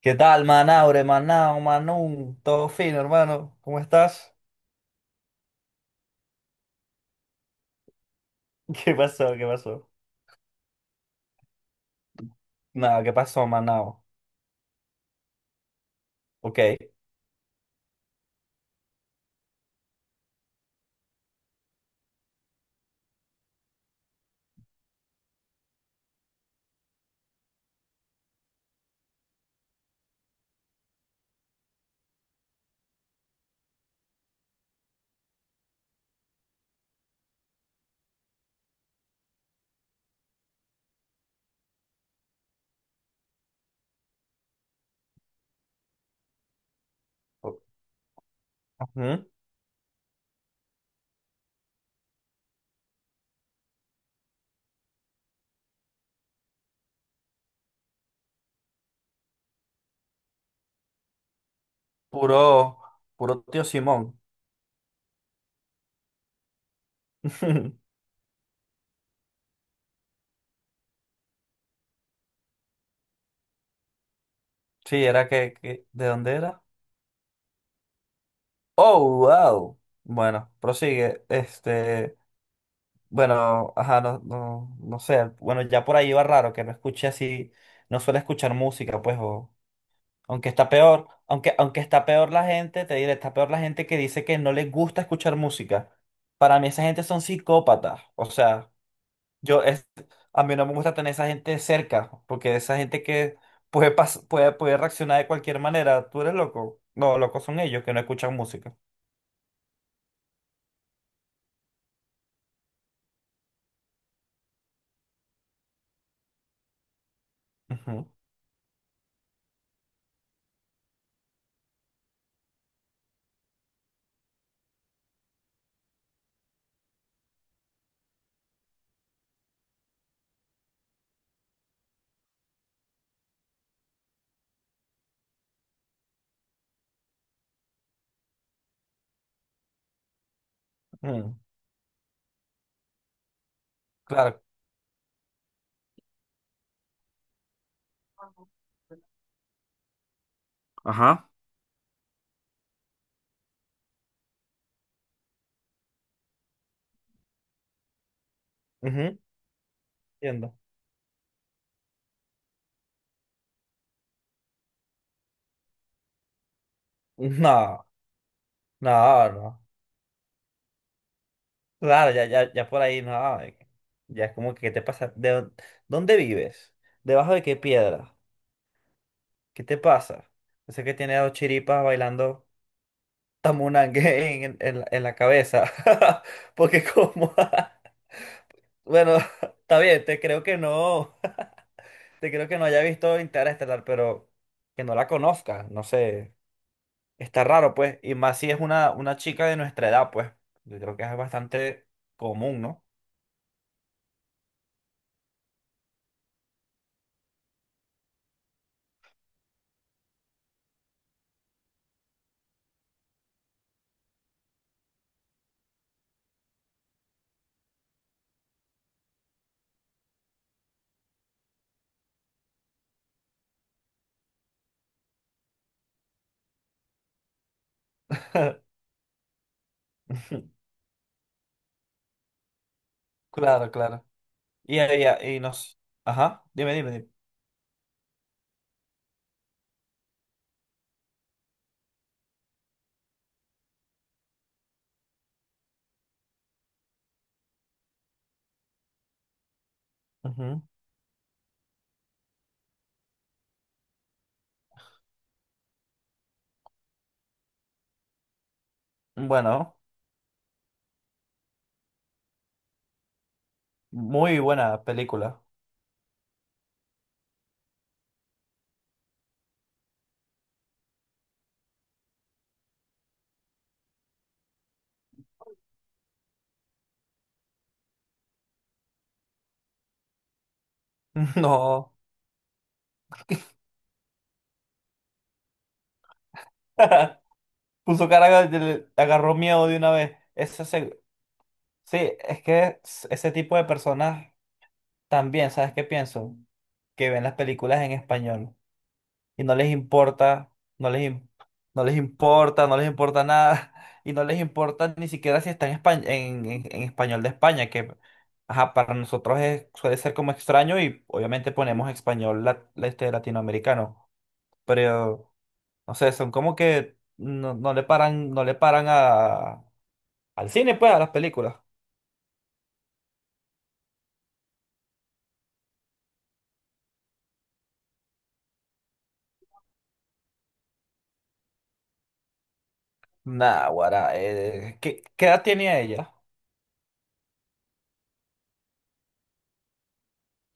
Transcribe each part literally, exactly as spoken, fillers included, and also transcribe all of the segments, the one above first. ¿Qué tal, Manaure, Manao, Manun? Todo fino, hermano. ¿Cómo estás? ¿Qué pasó? ¿Qué pasó? Nada, ¿qué pasó, Manao? Ok. O- ujú. Puro, puro tío Simón. Sí, era que, que- ¿de dónde era? Oh, wow. Bueno, prosigue. Este, bueno, ajá, no, no, no sé. Bueno, ya por ahí iba raro que no escuché así, no suele escuchar música, pues. o, Aunque está peor, aunque, aunque está peor la gente, te diré, está peor la gente que dice que no les gusta escuchar música. Para mí esa gente son psicópatas. O sea, yo es, a mí no me gusta tener esa gente cerca, porque esa gente que puede, pas- puede, puede reaccionar de cualquier manera. Tú eres loco. No, locos son ellos que no escuchan música. Ujú, mm, claro. Ujú, entiendo. No, no, no. Claro, ya, ya, ya por ahí, no. Ya es como que, ¿qué te pasa? ¿De dó- dónde vives? ¿Debajo de qué piedra? ¿Qué te pasa? Yo sé que tiene dos chiripas bailando tamunangue en, en, la en la cabeza. Porque como. Bueno, está bien, te creo que no. Te creo que no haya visto Interestelar, pero que no la conozca. No sé. Está raro, pues. Y más si es una, una chica de nuestra edad, pues. Yo creo que es bastante común, ¿no? Claro, claro. Y, ella, y nos. Ajá, dime, dime, dime. Ujú. Bueno, muy buena película. No. Puso cara de- le agarró miedo de una vez. Ese se- sí, es que es- ese tipo de personas también, ¿sabes qué pienso? Que ven las películas en español y no les importa, no les, im- no les importa, no les importa nada, y no les importa ni siquiera si está en, espa- en, en- en español de España, que ajá, para nosotros es- suele ser como extraño y obviamente ponemos español lat- este, latinoamericano, pero no sé, son como que no, no le paran, no le paran a al cine, pues, a las películas. Nah, guará, eh, ¿qué, qué edad tenía ella?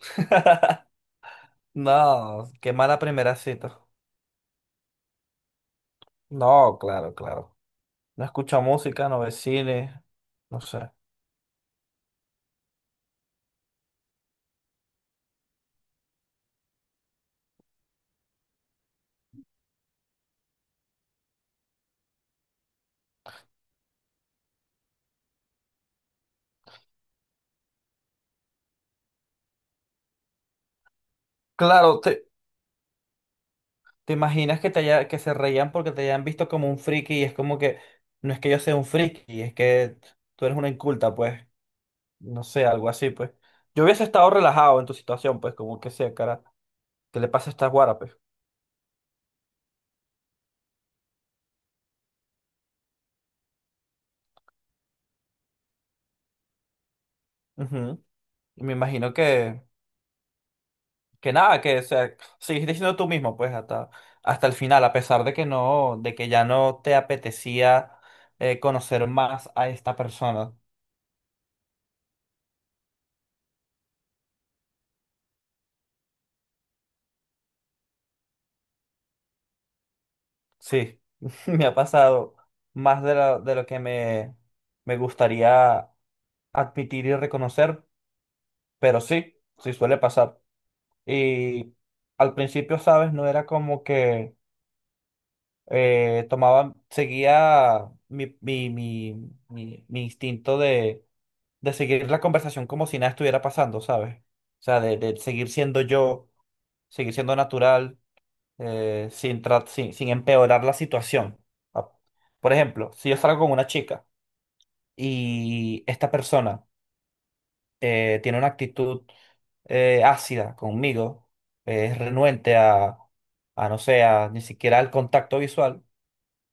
No, qué mala primera cita. No, claro, claro. No escucha música, no ve cine, no sé. Claro, te, te imaginas que te haya- que se reían porque te hayan visto como un friki y es como que no es que yo sea un friki, es que tú eres una inculta, pues, no sé, algo así, pues. Yo hubiese estado relajado en tu situación, pues, como que sea, cara, ¿qué le pasa a esta guara, pues? Ujú. Y me imagino que que nada, que o sea, seguiste siendo tú mismo, pues, hasta, hasta el final, a pesar de que no, de que ya no te apetecía eh, conocer más a esta persona. Sí, me ha pasado más de lo, de lo que me, me gustaría admitir y reconocer, pero sí, sí suele pasar. Y al principio, ¿sabes? No era como que eh, tomaba, seguía mi, mi, mi, mi mi instinto de seguir la conversación como si nada estuviera pasando, ¿sabes? O sea, de, de seguir siendo yo, seguir siendo natural, eh, sin, tra- sin, sin empeorar la situación. Ah, por ejemplo, si yo salgo con una chica y esta persona eh, tiene una actitud eh, ácida conmigo, eh, es renuente a, a, no sé, a ni siquiera al contacto visual,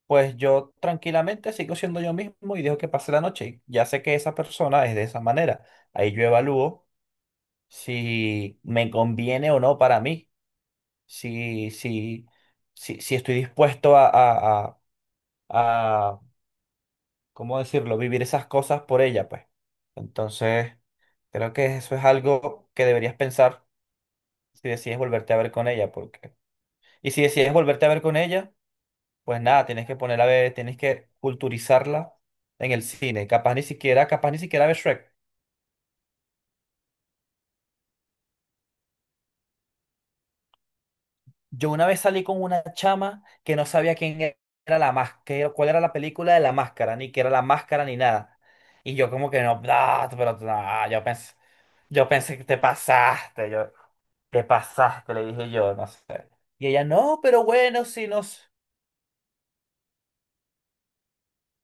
pues yo tranquilamente sigo siendo yo mismo y dejo que pase la noche. Ya sé que esa persona es de esa manera. Ahí yo evalúo si me conviene o no para mí, si, si, si, si estoy dispuesto a, a, a, a, ¿cómo decirlo?, vivir esas cosas por ella, pues. Entonces, creo que eso es algo que deberías pensar si decides volverte a ver con ella, porque. Y si decides volverte a ver con ella, pues nada, tienes que ponerla a ver, tienes que culturizarla en el cine, capaz ni siquiera, capaz ni siquiera ver Shrek. Yo una vez salí con una chama que no sabía quién e- era la máscara, cuál era la película de la máscara, ni qué era la máscara, ni nada. Y yo como que no, ah, pero ah, yo pensé, yo pensé que te pasaste, yo, te pasaste, le dije yo, no sé. Y ella, no, pero bueno, si no.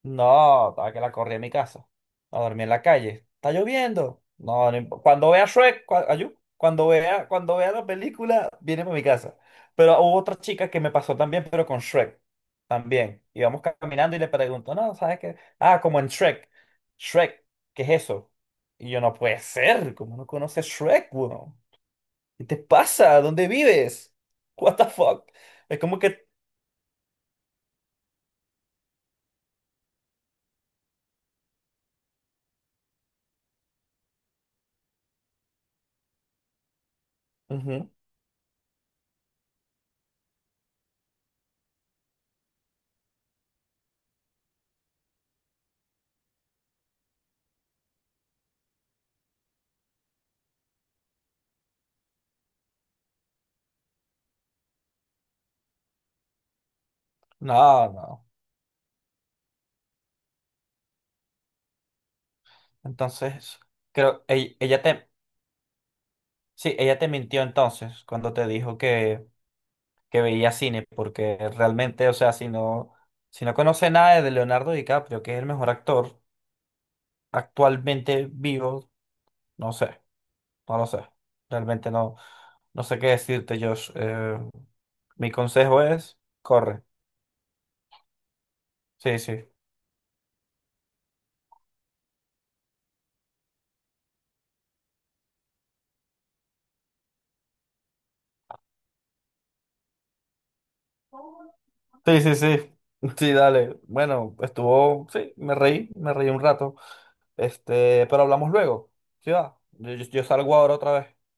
No, estaba que la corrí en mi casa. A dormir en la calle. Está lloviendo. No, no imp- cuando vea Shrek, cua- ayú, cuando vea, cuando vea la película, viene para mi casa. Pero hubo otra chica que me pasó también, pero con Shrek. También. Íbamos caminando y le pregunto, no, ¿sabes qué? Ah, como en Shrek. Shrek, ¿qué es eso? Y yo, no puede ser. ¿Cómo no conoces Shrek, weón? ¿Qué te pasa? ¿Dónde vives? What the fuck? Es como que. Ujú. No, no. Entonces, creo, ella, ella te. Sí, ella te mintió entonces cuando te dijo que, que veía cine, porque realmente, o sea, si no, si no conoce nada de Leonardo DiCaprio, que es el mejor actor actualmente vivo, no sé, no lo sé. Realmente no, no sé qué decirte, Josh. Eh, mi consejo es, corre. Sí, sí. Sí, sí, sí. Sí, dale. Bueno, estuvo, sí, me reí, me reí un rato. Este, pero hablamos luego. Sí, va. Yo, yo yo salgo ahora otra vez.